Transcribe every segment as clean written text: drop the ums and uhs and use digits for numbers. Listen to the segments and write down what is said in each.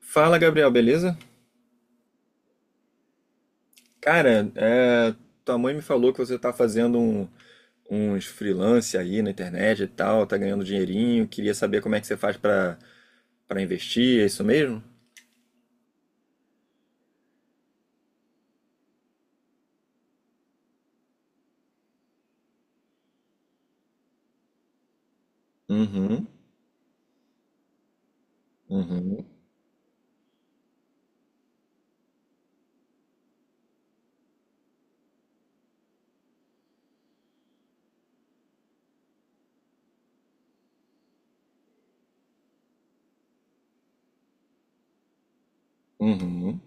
Fala, Gabriel, beleza? Cara, é, tua mãe me falou que você tá fazendo uns freelance aí na internet e tal, tá ganhando dinheirinho. Queria saber como é que você faz pra para investir, é isso mesmo? Uhum, uhum, uhum,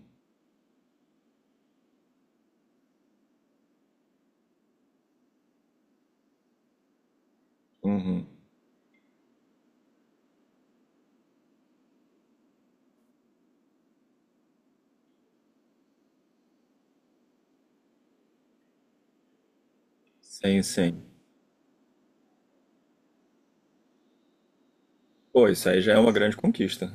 uhum. Sim, sim. Pô, isso aí já é uma grande conquista.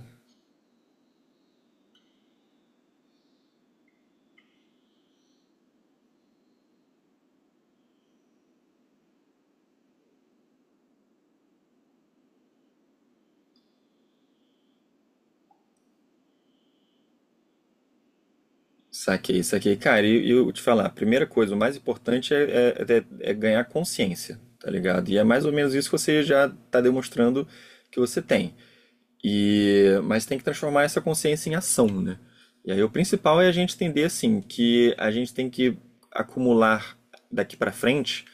Saquei, saquei. Cara, e eu te falar, a primeira coisa, o mais importante é ganhar consciência, tá ligado? E é mais ou menos isso que você já tá demonstrando que você tem. E, mas tem que transformar essa consciência em ação, né? E aí o principal é a gente entender assim que a gente tem que acumular daqui para frente,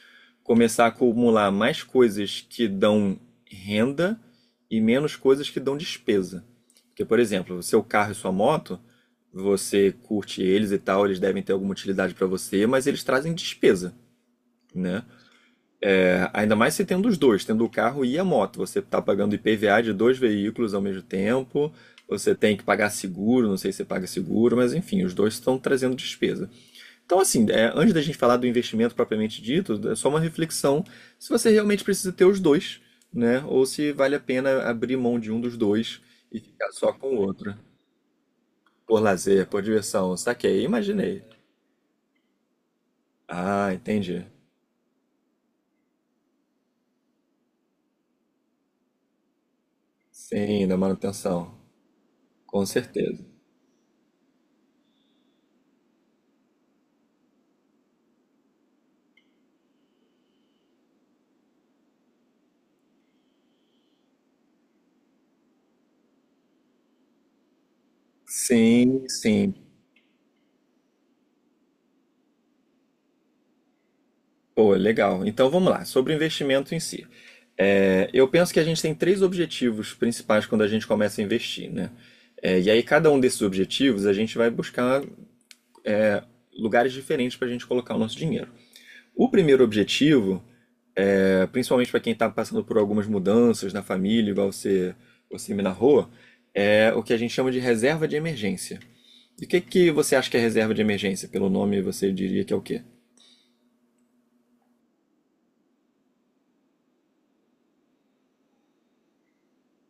começar a acumular mais coisas que dão renda e menos coisas que dão despesa. Porque, por exemplo, o seu carro e sua moto, você curte eles e tal, eles devem ter alguma utilidade para você, mas eles trazem despesa, né? Ainda mais se tendo os dois, tendo o carro e a moto. Você está pagando IPVA de dois veículos ao mesmo tempo, você tem que pagar seguro, não sei se você paga seguro, mas enfim, os dois estão trazendo despesa. Então, assim, é, antes da gente falar do investimento propriamente dito, é só uma reflexão se você realmente precisa ter os dois, né? Ou se vale a pena abrir mão de um dos dois e ficar só com o outro. Por lazer, por diversão, saquei, imaginei. Ah, entendi. Sim, da manutenção. Com certeza. Sim, sim. Pô, legal. Então vamos lá, sobre o investimento em si. É, eu penso que a gente tem três objetivos principais quando a gente começa a investir, né? É, e aí, cada um desses objetivos, a gente vai buscar lugares diferentes para a gente colocar o nosso dinheiro. O primeiro objetivo, é, principalmente para quem está passando por algumas mudanças na família, igual você, você me narrou, é o que a gente chama de reserva de emergência. E o que, que você acha que é reserva de emergência? Pelo nome, você diria que é o quê?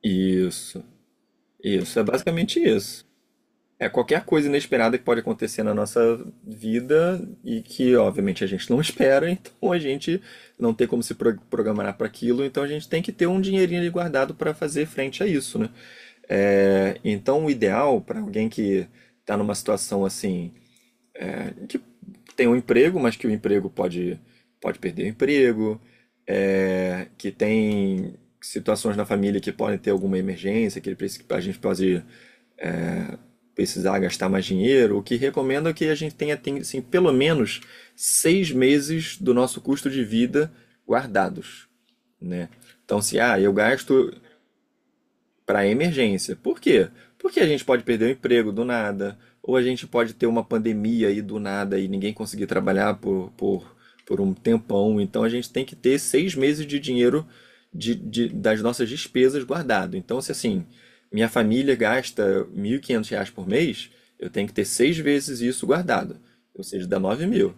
Isso, isso, é basicamente isso. É, qualquer coisa inesperada que pode acontecer na nossa vida e que, obviamente, a gente não espera, então a gente não tem como se pro- programar para aquilo, então a gente tem que ter um dinheirinho ali guardado para fazer frente a isso, né? É, então, o ideal para alguém que está numa situação assim, que tem um emprego, mas que o emprego pode perder o emprego, é, que tem situações na família que podem ter alguma emergência, que ele, a gente pode precisar gastar mais dinheiro, o que recomendo é que a gente tenha tem, assim, pelo menos 6 meses do nosso custo de vida guardados, né? Então, se eu gasto para emergência. Por quê? Porque a gente pode perder o emprego do nada, ou a gente pode ter uma pandemia aí do nada e ninguém conseguir trabalhar por um tempão. Então a gente tem que ter 6 meses de dinheiro das nossas despesas guardado. Então, se assim, minha família gasta R$ 1.500 por mês, eu tenho que ter seis vezes isso guardado, ou seja, dá 9.000.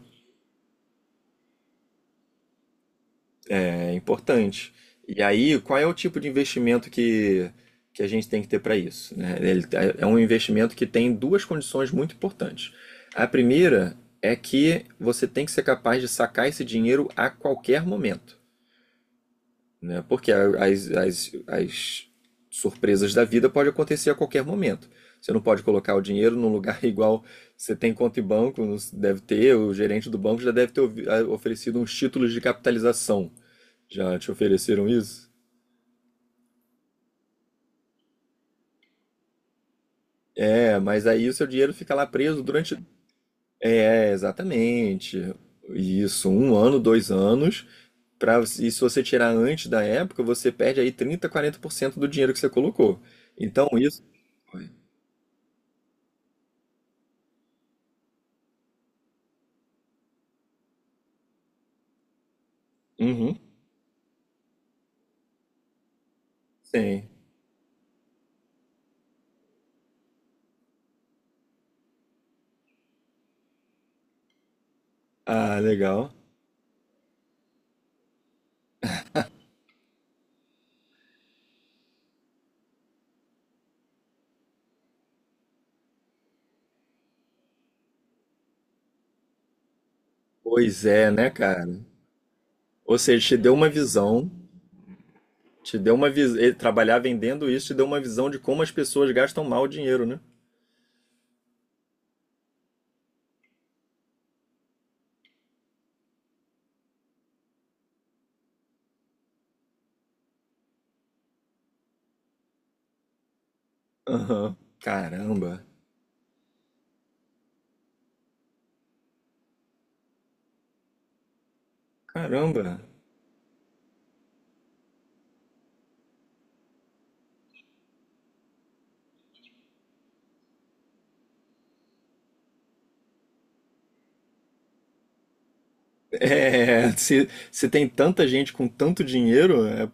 É importante. E aí, qual é o tipo de investimento que a gente tem que ter para isso? Né? Ele é um investimento que tem duas condições muito importantes. A primeira é que você tem que ser capaz de sacar esse dinheiro a qualquer momento, né? Porque as surpresas da vida podem acontecer a qualquer momento. Você não pode colocar o dinheiro num lugar igual você tem conta em banco, não deve ter, o gerente do banco já deve ter oferecido uns títulos de capitalização já te ofereceram isso? É, mas aí o seu dinheiro fica lá preso durante. É, exatamente. Isso, um ano, 2 anos. Pra, e se você tirar antes da época, você perde aí 30 40% do dinheiro que você colocou. Então isso. Oi. Uhum, sim. Ah, legal. Pois é, né, cara? Ou seja, te deu uma visão. Te deu uma visão. Trabalhar vendendo isso te deu uma visão de como as pessoas gastam mal o dinheiro, né? Aham. Caramba. Caramba. É, se tem tanta gente com tanto dinheiro, é,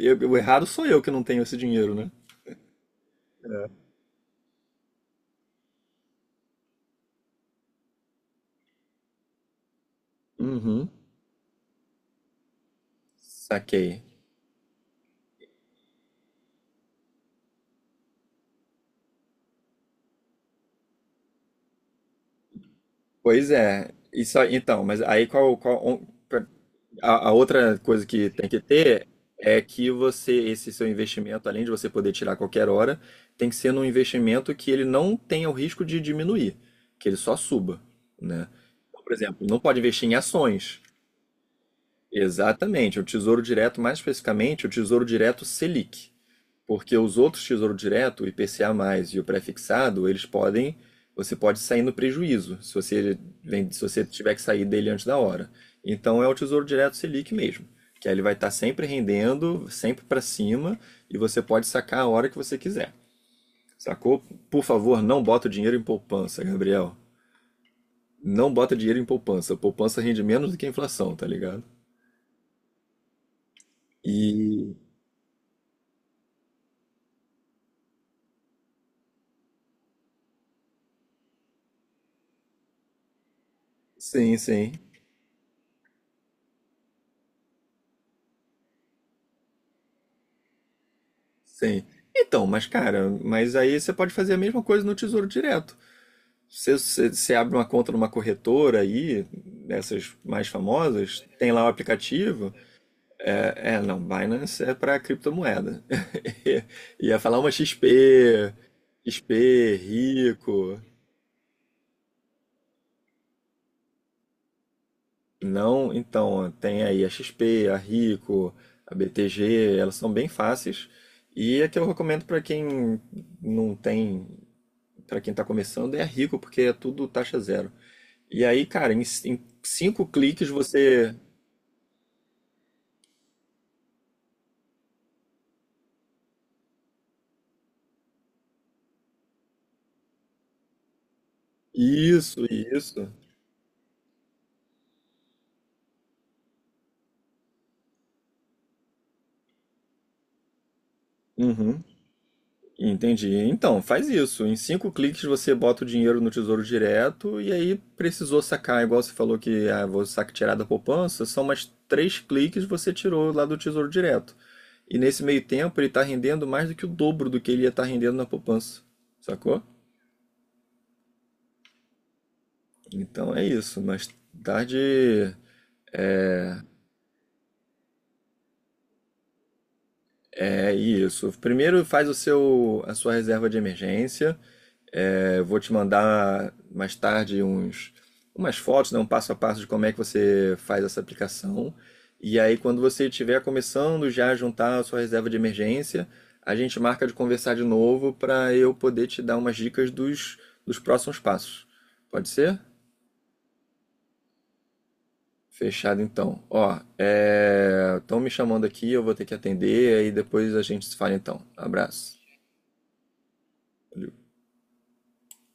o errado sou eu que não tenho esse dinheiro, né? É. Uhum, saquei. Pois é, isso aí, então, mas aí qual, a outra coisa que tem que ter é que você, esse seu investimento, além de você poder tirar a qualquer hora, tem que ser num investimento que ele não tenha o risco de diminuir, que ele só suba, né? Então, por exemplo, não pode investir em ações. Exatamente, o Tesouro Direto, mais especificamente, o Tesouro Direto Selic, porque os outros Tesouro Direto, o IPCA+, e o prefixado, eles podem, você pode sair no prejuízo, se você, se você tiver que sair dele antes da hora. Então é o Tesouro Direto Selic mesmo, que aí ele vai estar sempre rendendo, sempre para cima, e você pode sacar a hora que você quiser. Sacou? Por favor, não bota o dinheiro em poupança, Gabriel. Não bota dinheiro em poupança. Poupança rende menos do que a inflação, tá ligado? E sim, sim. Sim. Então, mas cara, mas aí você pode fazer a mesma coisa no Tesouro Direto. Você abre uma conta numa corretora aí, dessas mais famosas, tem lá o aplicativo. Não, Binance é para criptomoeda. Ia falar uma XP, Rico. Não, então, tem aí a XP, a Rico, a BTG, elas são bem fáceis. E é que eu recomendo para quem não tem para quem está começando, é rico, porque é tudo taxa zero. E aí, cara, em cinco cliques você. Isso, isso. Uhum. Entendi. Então, faz isso. Em cinco cliques você bota o dinheiro no Tesouro Direto e aí precisou sacar, igual você falou que ah, vou sacar tirar da poupança, são mais três cliques você tirou lá do Tesouro Direto. E nesse meio tempo ele está rendendo mais do que o dobro do que ele ia estar rendendo na poupança, sacou? Então é isso, mas tarde. É isso. Primeiro faz a sua reserva de emergência. É, eu vou te mandar mais tarde uns, umas fotos, né, um passo a passo de como é que você faz essa aplicação. E aí, quando você estiver começando já a juntar a sua reserva de emergência, a gente marca de conversar de novo para eu poder te dar umas dicas dos próximos passos. Pode ser? Fechado então. Ó, estão me chamando aqui, eu vou ter que atender, aí depois a gente se fala então. Abraço.